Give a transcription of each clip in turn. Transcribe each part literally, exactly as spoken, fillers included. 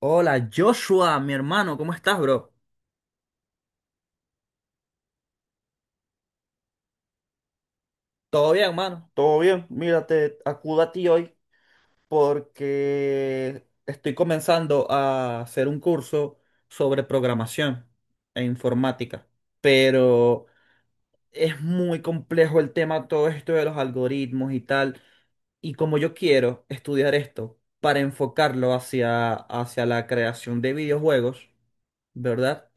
Hola, Joshua, mi hermano, ¿cómo estás, bro? ¿Todo bien, hermano? Todo bien, mira, te acudo a ti hoy porque estoy comenzando a hacer un curso sobre programación e informática, pero es muy complejo el tema, todo esto de los algoritmos y tal, y como yo quiero estudiar esto para enfocarlo hacia, hacia la creación de videojuegos, ¿verdad?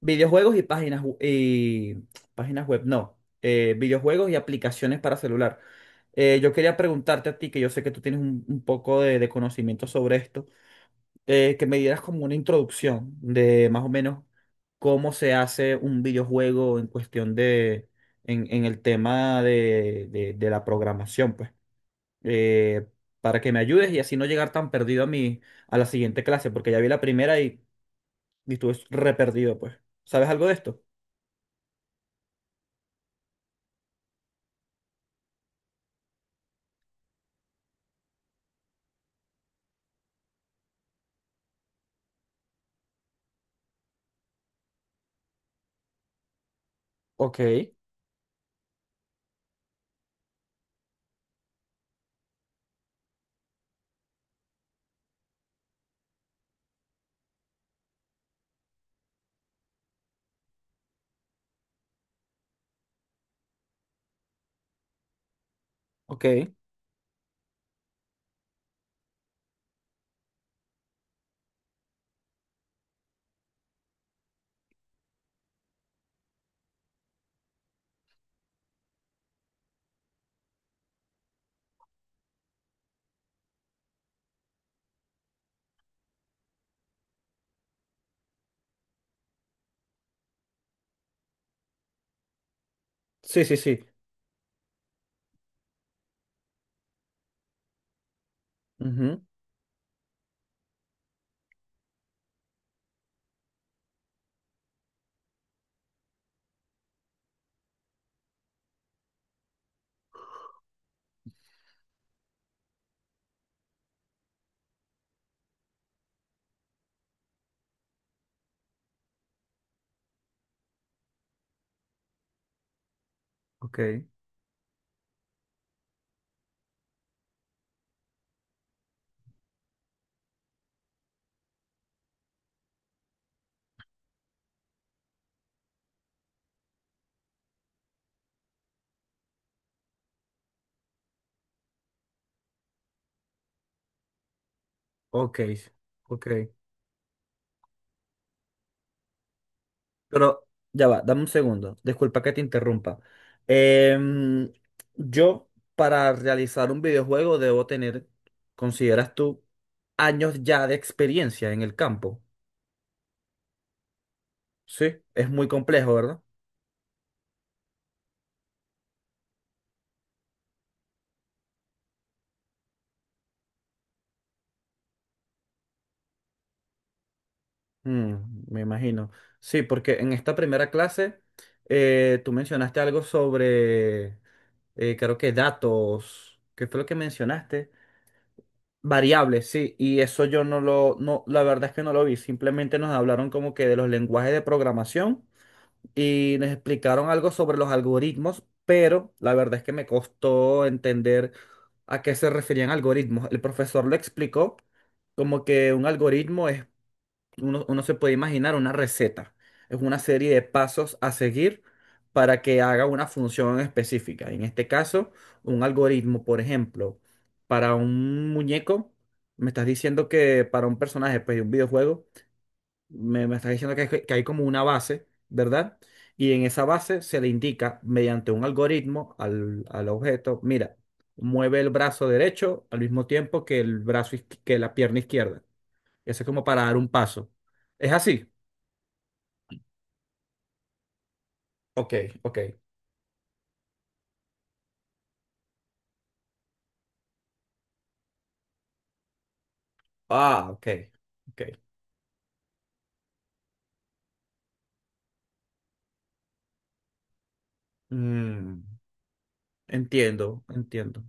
Videojuegos y páginas, w- y páginas web, no. Eh, videojuegos y aplicaciones para celular. Eh, yo quería preguntarte a ti, que yo sé que tú tienes un, un poco de, de conocimiento sobre esto, eh, que me dieras como una introducción de más o menos cómo se hace un videojuego en cuestión de, en, en el tema de, de- de la programación, pues. Eh, para que me ayudes y así no llegar tan perdido a mi, a la siguiente clase, porque ya vi la primera y, y estuve re perdido, pues. ¿Sabes algo de esto? Ok, ok. Sí, sí, sí. Ujú, ok, ok, ok. Pero ya va, dame un segundo. Disculpa que te interrumpa. Em, yo, para realizar un videojuego, debo tener, ¿consideras tú, años ya de experiencia en el campo? Sí, es muy complejo, ¿verdad? Mm, me imagino. Sí, porque en esta primera clase eh, tú mencionaste algo sobre, eh, creo que datos. ¿Qué fue lo que mencionaste? Variables, sí, y eso yo no lo, no, la verdad es que no lo vi, simplemente nos hablaron como que de los lenguajes de programación y nos explicaron algo sobre los algoritmos, pero la verdad es que me costó entender a qué se referían algoritmos. El profesor lo explicó como que un algoritmo es uno, uno se puede imaginar una receta. Es una serie de pasos a seguir para que haga una función específica. En este caso, un algoritmo, por ejemplo, para un muñeco, me estás diciendo que para un personaje, pues, de un videojuego, me, me estás diciendo que, hay- que hay como una base, ¿verdad? Y en esa base se le indica mediante un algoritmo al, al objeto, mira, mueve el brazo derecho al mismo tiempo que el brazo, izqui- que la pierna izquierda. Eso es como para dar un paso. ¿Es así? Ok, ok. Ah, ok, ok. Mm, entiendo, entiendo.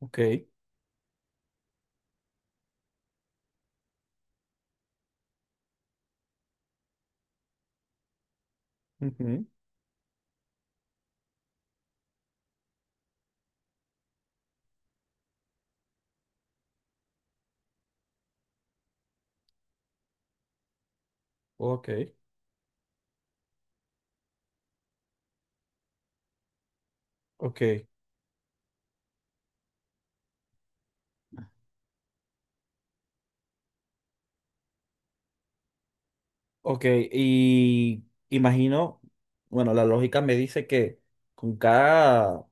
Ok, ujú, ok, ok, ok. Y imagino, bueno, la lógica me dice que con cada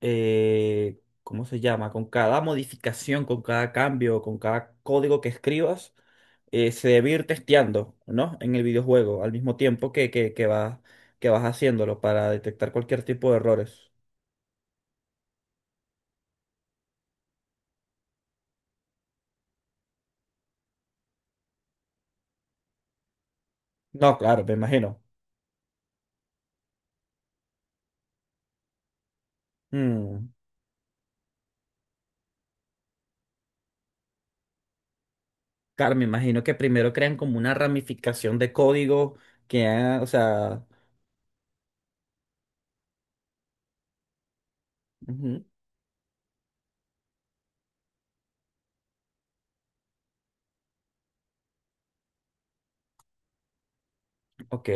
eh, ¿cómo se llama? Con cada modificación, con cada cambio, con cada código que escribas, eh, se debe ir testeando, ¿no? En el videojuego, al mismo tiempo que, que, que vas, que vas haciéndolo para detectar cualquier tipo de errores. No, claro, me imagino. Mm, claro, me imagino que primero crean como una ramificación de código que, ah, o sea, ujú, ok.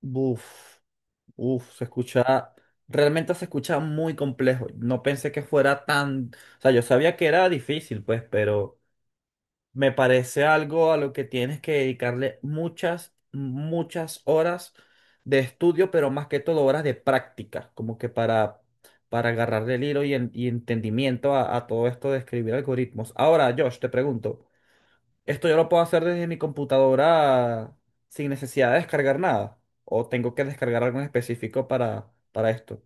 Buf. Uf, se escucha, realmente se escucha muy complejo. No pensé que fuera tan, o sea, yo sabía que era difícil, pues, pero me parece algo a lo que tienes que dedicarle muchas, muchas horas de estudio, pero más que todo horas de práctica, como que para, para agarrarle el hilo y, en- y entendimiento a, a todo esto de escribir algoritmos. Ahora, Josh, te pregunto. Esto yo lo puedo hacer desde mi computadora sin necesidad de descargar nada. O tengo que descargar algo en específico para, para esto.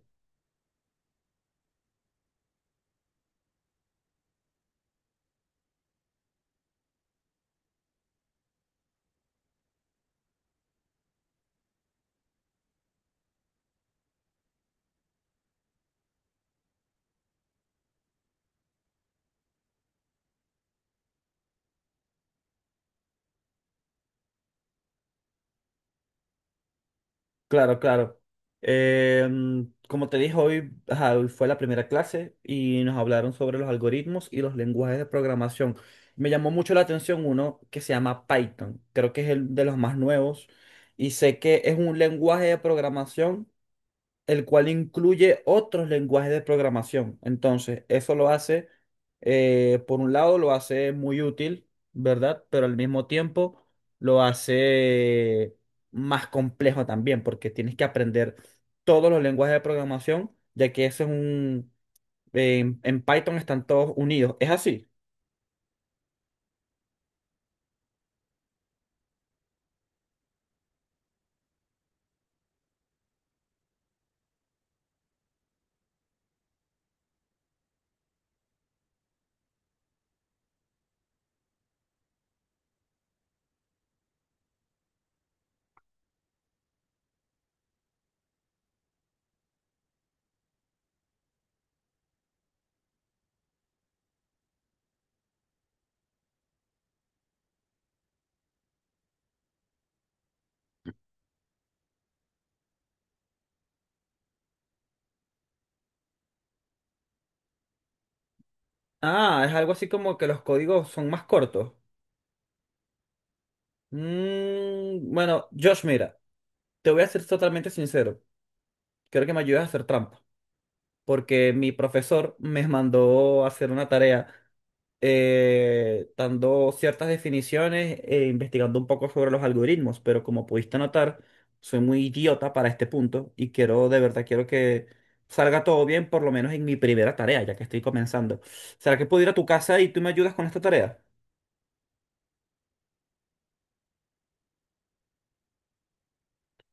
Claro, claro. Em, como te dije, hoy, ajá, hoy fue la primera clase y nos hablaron sobre los algoritmos y los lenguajes de programación. Me llamó mucho la atención uno que se llama Python. Creo que es el de los más nuevos. Y sé que es un lenguaje de programación el cual incluye otros lenguajes de programación. Entonces, eso lo hace, eh, por un lado, lo hace muy útil, ¿verdad? Pero al mismo tiempo lo hace más complejo también, porque tienes que aprender todos los lenguajes de programación, ya que eso es un... en en Python están todos unidos. Es así. Ah, es algo así como que los códigos son más cortos. Mm, bueno, Josh, mira, te voy a ser totalmente sincero. Creo que me ayudas a hacer trampa, porque mi profesor me mandó a hacer una tarea, eh, dando ciertas definiciones e investigando un poco sobre los algoritmos, pero como pudiste notar, soy muy idiota para este punto y quiero, de verdad, quiero que salga todo bien, por lo menos en mi primera tarea, ya que estoy comenzando. ¿Será que puedo ir a tu casa y tú me ayudas con esta tarea?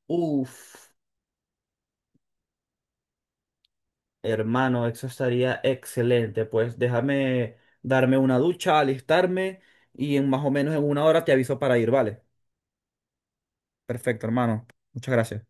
Uf, hermano, eso estaría excelente. Pues déjame darme una ducha, alistarme y en más o menos en una hora te aviso para ir, ¿vale? Perfecto, hermano. Muchas gracias.